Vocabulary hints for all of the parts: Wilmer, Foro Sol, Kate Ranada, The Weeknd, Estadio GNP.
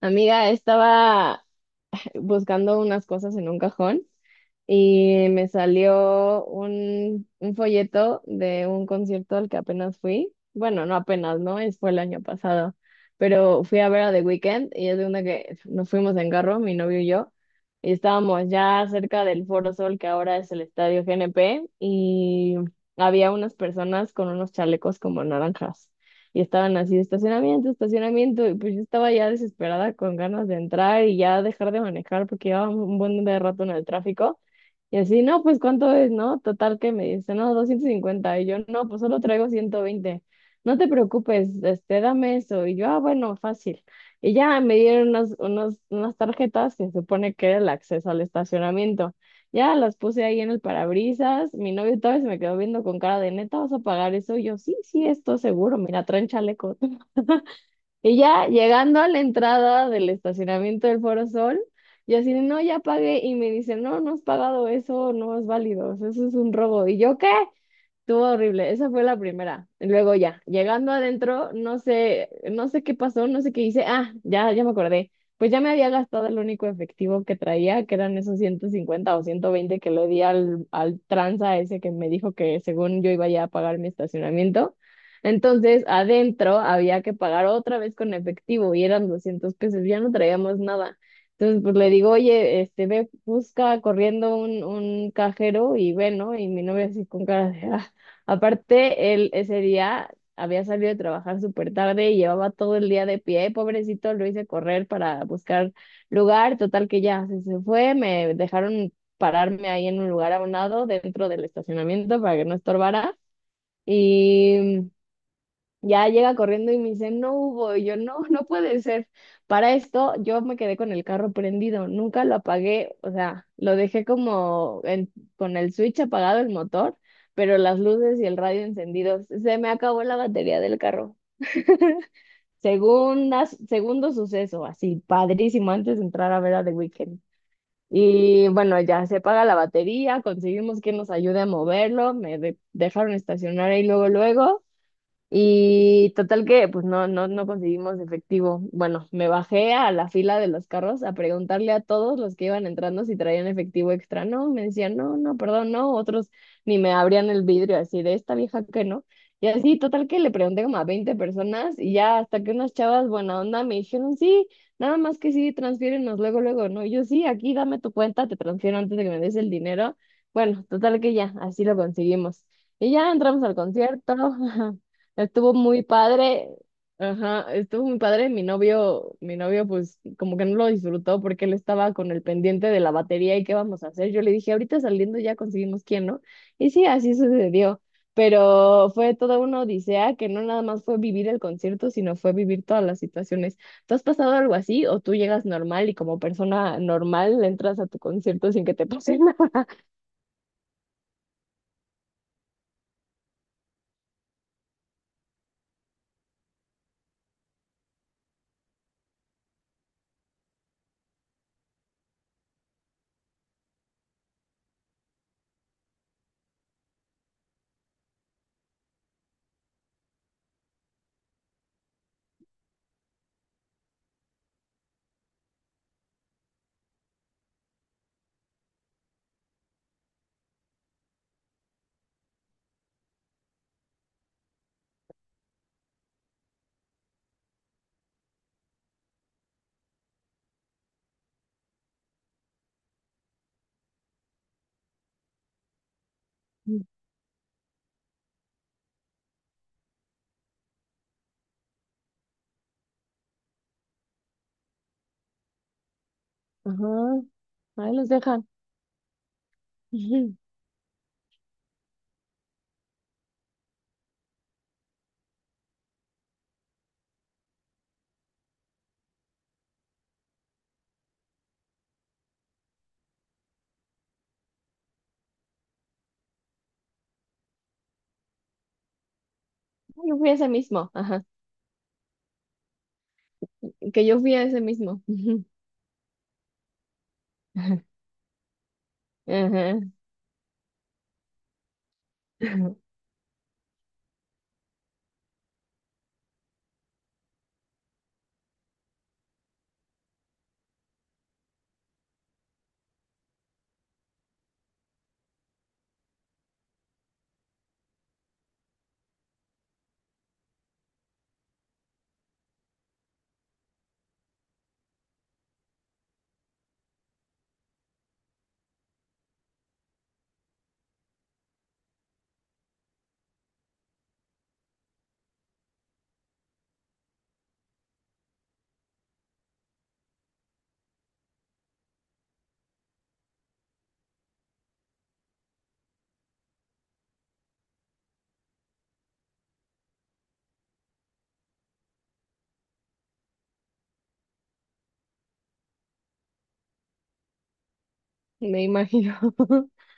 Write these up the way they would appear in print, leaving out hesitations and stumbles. Amiga, estaba buscando unas cosas en un cajón y me salió un folleto de un concierto al que apenas fui. Bueno, no apenas, ¿no? Fue el año pasado, pero fui a ver a The Weeknd y es de una que nos fuimos en carro, mi novio y yo, y estábamos ya cerca del Foro Sol, que ahora es el Estadio GNP, y había unas personas con unos chalecos como naranjas y estaban así, estacionamiento, estacionamiento, y pues yo estaba ya desesperada con ganas de entrar y ya dejar de manejar porque llevaba un buen de rato en el tráfico. Y así, no, pues ¿cuánto es, no? Total que me dice, no, 250. Y yo, no, pues solo traigo 120. No te preocupes, este, dame eso. Y yo, ah, bueno, fácil. Y ya me dieron unas tarjetas que se supone que era el acceso al estacionamiento. Ya las puse ahí en el parabrisas. Mi novio todavía se me quedó viendo con cara de neta, ¿vas a pagar eso? Y yo, sí, sí, esto seguro, mira, traen chaleco. Y ya llegando a la entrada del estacionamiento del Foro Sol, yo así, de, no, ya pagué. Y me dice, no, no has pagado eso, no es válido, eso es un robo. ¿Y yo qué? Estuvo horrible, esa fue la primera. Y luego ya, llegando adentro, no sé, no sé qué pasó, no sé qué hice. Ah, ya me acordé. Pues ya me había gastado el único efectivo que traía, que eran esos 150 o 120 que le di al tranza ese que me dijo que según yo iba ya a pagar mi estacionamiento. Entonces, adentro había que pagar otra vez con efectivo y eran 200 pesos, ya no traíamos nada. Entonces, pues le digo, oye, este, ve, busca corriendo un cajero y ve, ¿no? Y mi novia así con cara de, "Ah, aparte, él ese día había salido de trabajar súper tarde y llevaba todo el día de pie. Pobrecito, lo hice correr para buscar lugar. Total que ya se fue. Me dejaron pararme ahí en un lugar a un lado dentro del estacionamiento para que no estorbara. Y ya llega corriendo y me dice, no hubo. Y yo, no, no puede ser. Para esto, yo me quedé con el carro prendido, nunca lo apagué, o sea, lo dejé como con el switch apagado el motor, pero las luces y el radio encendidos. Se me acabó la batería del carro. Segundo suceso, así, padrísimo, antes de entrar a ver a The Weeknd. Y bueno, ya se paga la batería, conseguimos que nos ayude a moverlo, me dejaron estacionar ahí luego, luego. Y total que pues no conseguimos efectivo. Bueno, me bajé a la fila de los carros a preguntarle a todos los que iban entrando si traían efectivo extra. No, me decían, no, no, perdón, no. Otros ni me abrían el vidrio así de esta vieja que no. Y así, total que le pregunté como a 20 personas y ya hasta que unas chavas buena onda me dijeron, sí, nada más que sí, transfiérenos luego, luego, ¿no? Y yo sí, aquí dame tu cuenta, te transfiero antes de que me des el dinero. Bueno, total que ya, así lo conseguimos. Y ya entramos al concierto. Estuvo muy padre, ajá, estuvo muy padre. Mi novio, pues como que no lo disfrutó porque él estaba con el pendiente de la batería y qué vamos a hacer. Yo le dije, ahorita saliendo ya conseguimos quién, ¿no? Y sí, así sucedió. Pero fue toda una odisea que no nada más fue vivir el concierto, sino fue vivir todas las situaciones. ¿Tú has pasado algo así o tú llegas normal y como persona normal entras a tu concierto sin que te pase nada? Ajá, ahí los dejan. Ujú. Yo fui ese mismo. Que yo fui a ese mismo. Ajá. Me imagino,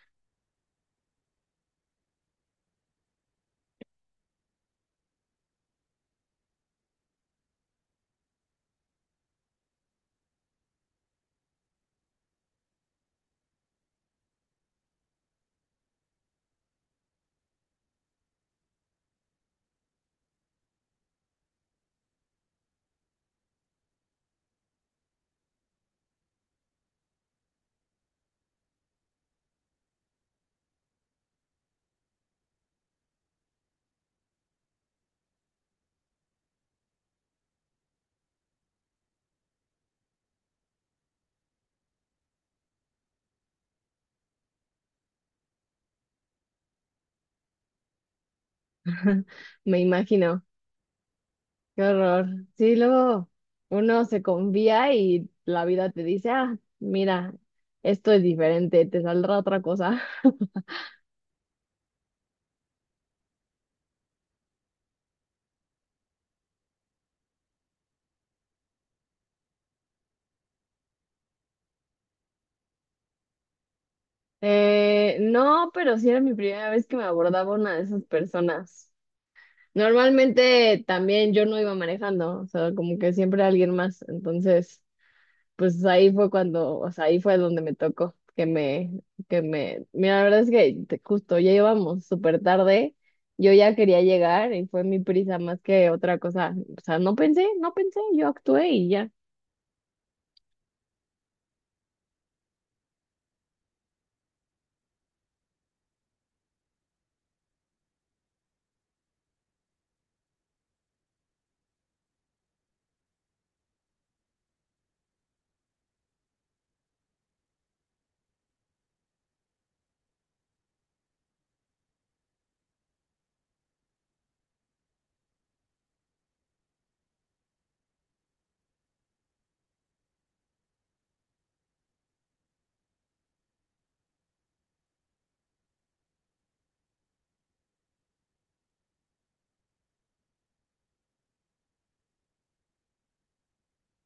me imagino, qué horror. Sí, luego uno se confía y la vida te dice, ah, mira, esto es diferente, te saldrá otra cosa. No, pero sí era mi primera vez que me abordaba una de esas personas. Normalmente también yo no iba manejando, o sea, como que siempre alguien más, entonces... pues ahí fue cuando, o sea, ahí fue donde me tocó, mira, la verdad es que justo ya íbamos súper tarde, yo ya quería llegar y fue mi prisa más que otra cosa, o sea, no pensé, no pensé, yo actué y ya.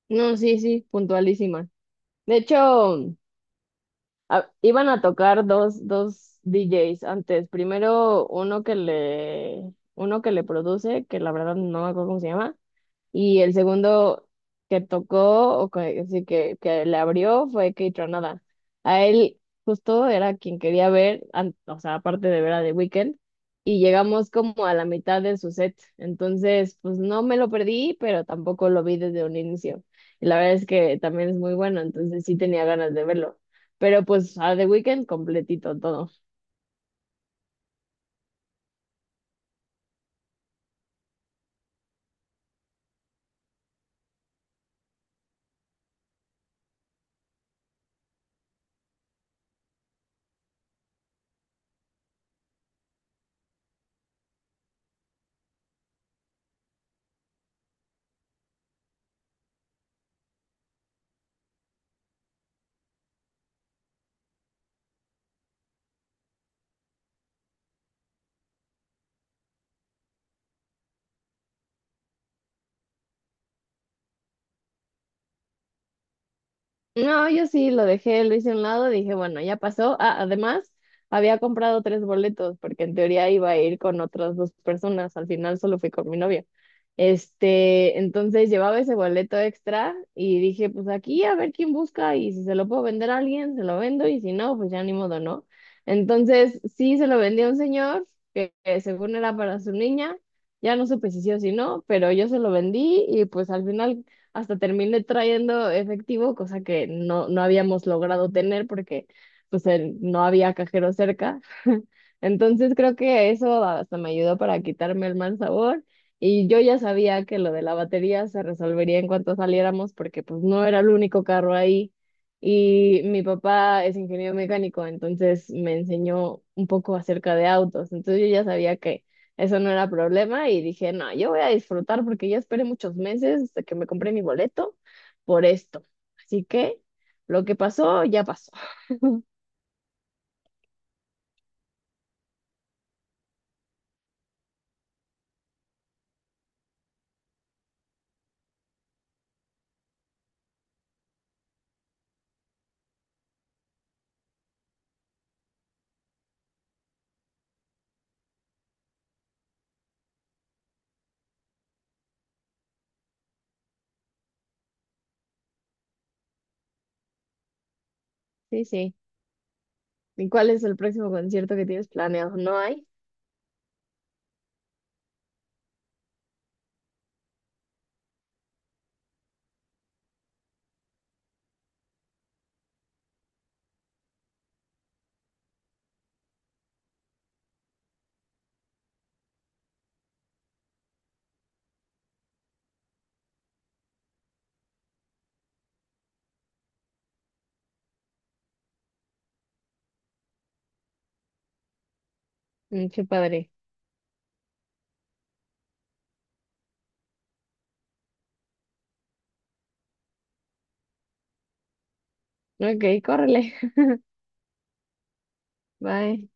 No, sí, sí, puntualísima. De hecho, iban a tocar dos DJs antes, primero uno que le, produce, que la verdad no me acuerdo cómo se llama. Y el segundo que tocó, o que, así que le abrió, fue Kate Ranada. A él justo era quien quería ver, o sea, aparte de ver a The Weeknd, y llegamos como a la mitad de su set. Entonces, pues no me lo perdí, pero tampoco lo vi desde un inicio. Y la verdad es que también es muy bueno, entonces sí tenía ganas de verlo. Pero pues a The Weeknd completito todo. No, yo sí lo dejé, lo hice a un lado, dije, bueno, ya pasó. Ah, además, había comprado tres boletos porque en teoría iba a ir con otras dos personas, al final solo fui con mi novia. Este, entonces llevaba ese boleto extra y dije, pues aquí a ver quién busca y si se lo puedo vender a alguien, se lo vendo y si no, pues ya ni modo, ¿no? Entonces, sí se lo vendí a un señor que según era para su niña, ya no supe si sí o si no, pero yo se lo vendí y pues al final hasta terminé trayendo efectivo, cosa que no habíamos logrado tener porque pues no había cajero cerca. Entonces creo que eso hasta me ayudó para quitarme el mal sabor y yo ya sabía que lo de la batería se resolvería en cuanto saliéramos porque pues no era el único carro ahí y mi papá es ingeniero mecánico, entonces me enseñó un poco acerca de autos, entonces yo ya sabía que eso no era problema y dije, no, yo voy a disfrutar porque ya esperé muchos meses hasta que me compré mi boleto por esto. Así que lo que pasó, ya pasó. Sí, sí. ¿Y cuál es el próximo concierto que tienes planeado? No hay. Mm, qué padre. Ok, córrele. Bye.